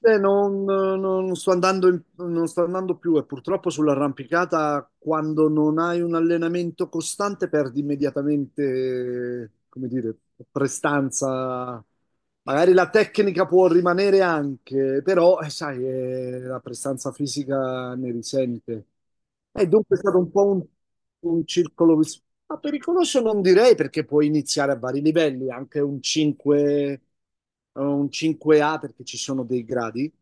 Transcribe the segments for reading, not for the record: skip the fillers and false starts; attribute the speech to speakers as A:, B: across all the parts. A: Non sto andando non sto andando più, e purtroppo sull'arrampicata, quando non hai un allenamento costante, perdi immediatamente, come dire, prestanza. Magari la tecnica può rimanere anche, però sai, la prestanza fisica ne risente. E dunque è stato un po' un circolo, ma pericoloso non direi, perché puoi iniziare a vari livelli, anche un 5, un 5A, perché ci sono dei gradi,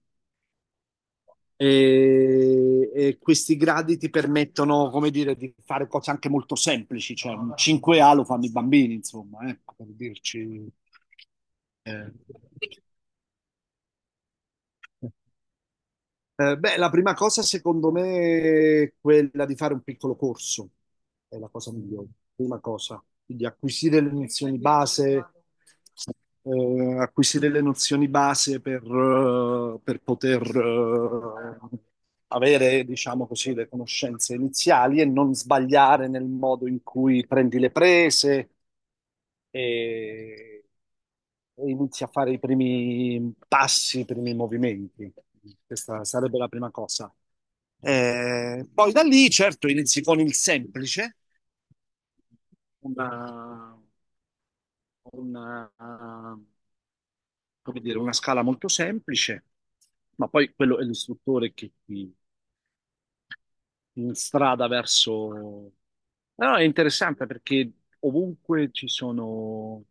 A: e questi gradi ti permettono, come dire, di fare cose anche molto semplici, cioè un 5A lo fanno i bambini, insomma, ecco, per dirci. eh. Beh, la prima cosa secondo me è quella di fare un piccolo corso, è la cosa migliore, prima cosa, quindi acquisire le nozioni base, acquisire le nozioni base per poter avere, diciamo così, le conoscenze iniziali e non sbagliare nel modo in cui prendi le prese, e e inizi a fare i primi passi, i primi movimenti. Questa sarebbe la prima cosa. Poi da lì, certo, inizi con il semplice, una, una, come dire, una scala molto semplice, ma poi quello è l'istruttore che ti in strada verso... No, è interessante, perché ovunque ci sono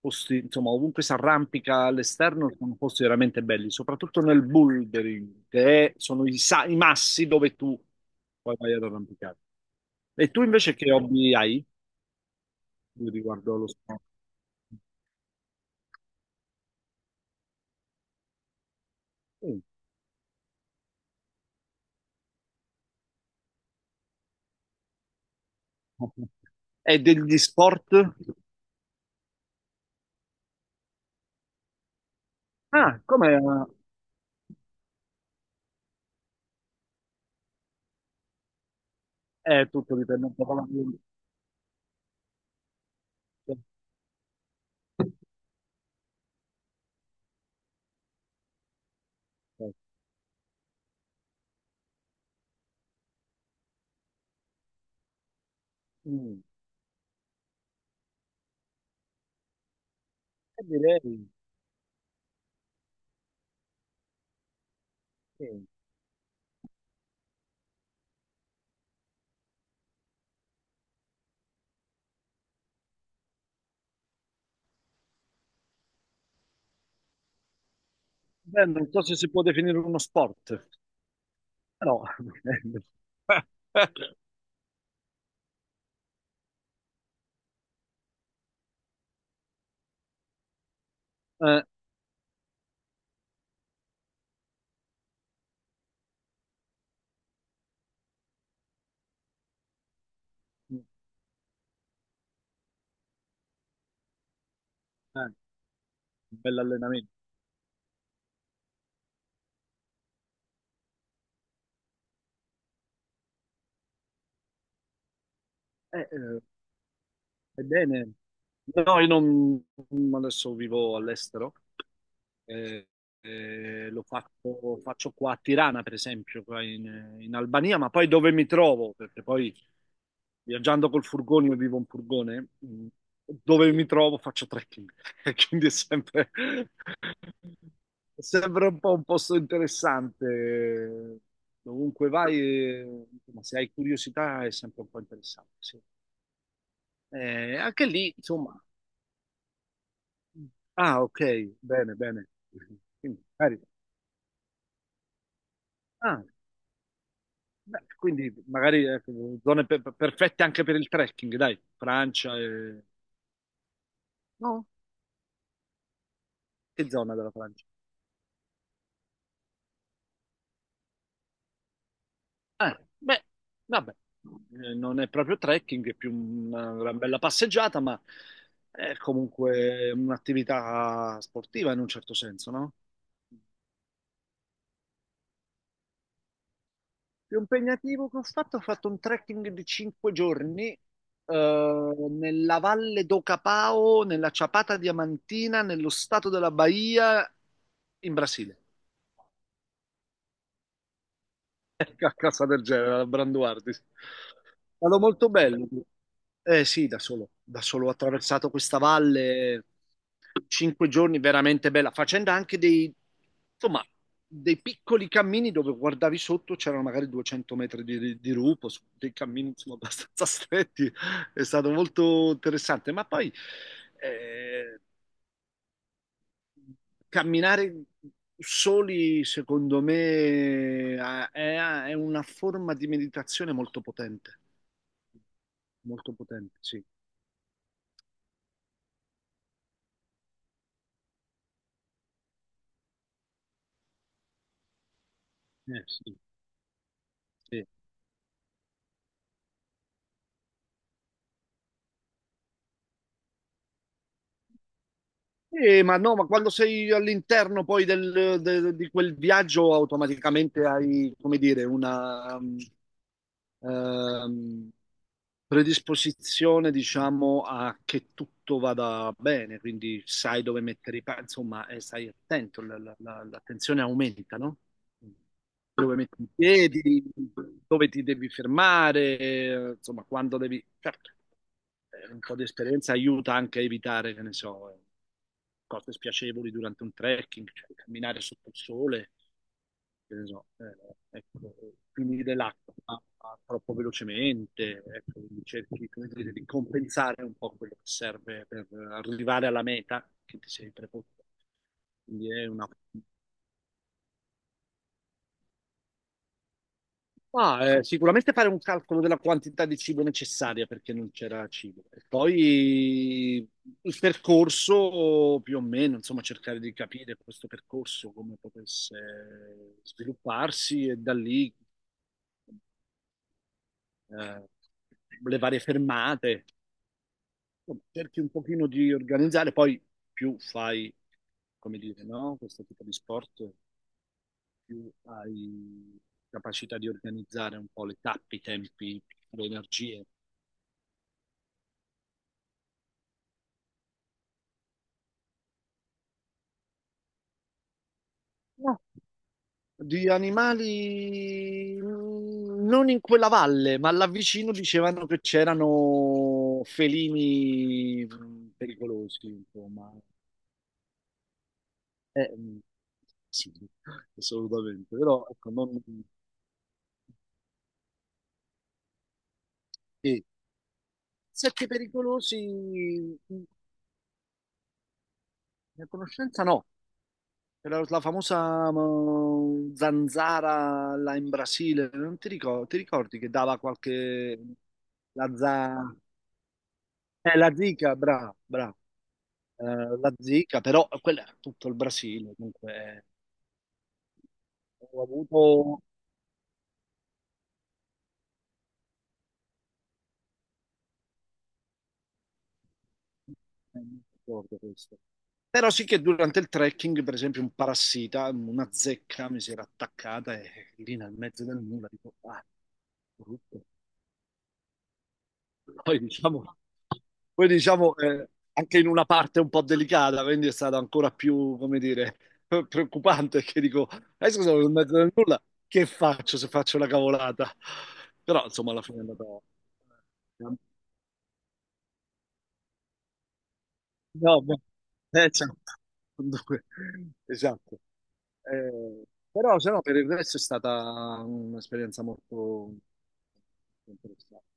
A: posti, insomma, ovunque si arrampica all'esterno sono posti veramente belli, soprattutto nel bouldering, sono i massi dove tu poi vai ad arrampicare. E tu invece che hobby hai riguardo allo sport? Sì. E degli sport? Ah, come è tutto, dipende un po' mia vita. Mm. E direi sì. Beh, non so se si può definire uno sport, però eh, eh, bello allenamento. Eh, eh, Ebbene, no, io non adesso vivo all'estero, eh, lo faccio, faccio qua a Tirana, per esempio, qua in Albania, ma poi dove mi trovo? Perché poi, viaggiando col furgone, io vivo un furgone, dove mi trovo faccio trekking, quindi è sempre un po' un posto interessante. Dovunque vai, insomma, se hai curiosità è sempre un po' interessante, sì. Anche lì, insomma. Ah, ok, bene, bene. Quindi, magari, ah, beh, quindi magari, ecco, zone perfette anche per il trekking, dai. Francia e... No? Che zona della Francia? Ah, beh, vabbè. Non è proprio trekking, è più una bella passeggiata, ma è comunque un'attività sportiva in un certo senso, no? Più impegnativo che ho fatto un trekking di 5 giorni, nella Valle d'Ocapao, nella Chapada Diamantina, nello stato della Bahia, in Brasile. Qualcosa del genere, alla Branduardi. È stato molto bello. Eh sì, da solo ho attraversato questa valle, 5 giorni veramente bella, facendo anche dei, insomma, dei piccoli cammini dove guardavi sotto c'erano magari 200 metri di, rupo, su dei cammini, insomma, abbastanza stretti. È stato molto interessante, ma poi... eh, camminare soli, secondo me, è una forma di meditazione molto potente, sì. Sì, sì. Ma no, ma quando sei all'interno poi di quel viaggio, automaticamente hai, come dire, una, ehm, predisposizione, diciamo, a che tutto vada bene, quindi sai dove mettere i piedi, insomma, e stai attento, l'attenzione aumenta, no? Dove metti i piedi, dove ti devi fermare, insomma, quando devi... Certo, un po' di esperienza aiuta anche a evitare, che ne so, cose spiacevoli durante un trekking, cioè camminare sotto il sole, che ne so, ecco, finire l'acqua troppo velocemente, ecco, quindi cerchi, come dire, di compensare un po' quello che serve per arrivare alla meta che ti sei preposto. Quindi è una... Ah, sicuramente fare un calcolo della quantità di cibo necessaria, perché non c'era cibo. E poi il percorso più o meno, insomma, cercare di capire questo percorso, come potesse svilupparsi, e da lì eh, le varie fermate, insomma, cerchi un pochino di organizzare. Poi più fai, come dire, no? Questo tipo di sport, più hai capacità di organizzare un po' le tappe, i tempi, le energie. No. Di animali non in quella valle, ma là vicino dicevano che c'erano felini pericolosi, insomma. Eh, mm, sì, assolutamente, però ecco, non, sì. Sette pericolosi, la conoscenza no, era la famosa zanzara là in Brasile, non ti ricordi, ti ricordi che dava qualche... La, za... la zika, brava, brava. Eh, la zika, però quella era tutto il Brasile, comunque ho avuto... non ricordo questo. Però sì che durante il trekking, per esempio, un parassita, una zecca mi si era attaccata, e lì nel mezzo del nulla, dico, ah, brutto. Poi diciamo, poi diciamo, anche in una parte un po' delicata, quindi è stato ancora più, come dire, preoccupante, che dico, scusa, sono in mezzo nel nulla, che faccio se faccio una cavolata? Però insomma alla fine è andata... No, beh, certo. Dunque, esatto. Eh, Però se no, per il resto è stata un'esperienza molto interessante.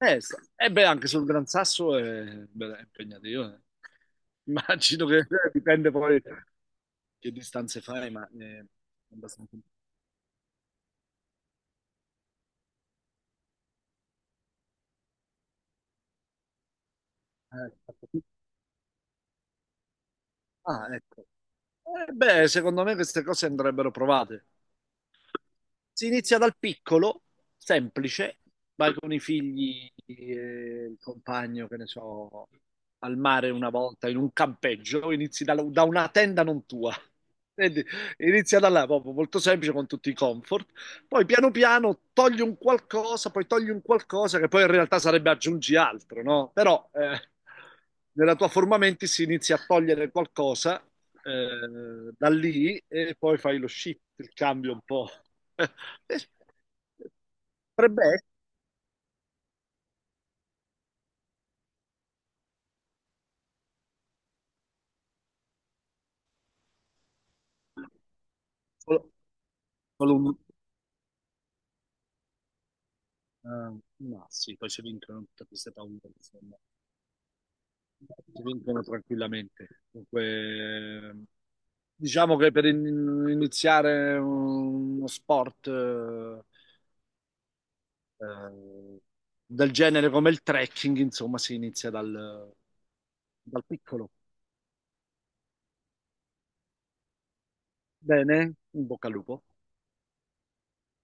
A: Beh, anche sul Gran Sasso è, beh, è impegnativo. Immagino che dipende poi che distanze fai, ma è abbastanza... eh, ah, ecco. Beh, secondo me queste cose andrebbero provate. Si inizia dal piccolo, semplice, vai con i figli e il compagno, che ne so, al mare una volta, in un campeggio, inizi da una tenda non tua. Vedi? Inizia da là, proprio molto semplice, con tutti i comfort. Poi piano piano togli un qualcosa, poi togli un qualcosa, che poi in realtà sarebbe aggiungi altro, no? Però nella tua forma menti si inizia a togliere qualcosa da lì, e poi fai lo shift, il cambio un po'. Eh, Potrebbe essere solo solo un... ma sì, poi si vincono tutte queste paure, insomma. Si vincono tranquillamente. Dunque, diciamo che per iniziare uno sport eh, del genere, come il trekking, insomma, si inizia dal piccolo. Bene, in bocca al lupo.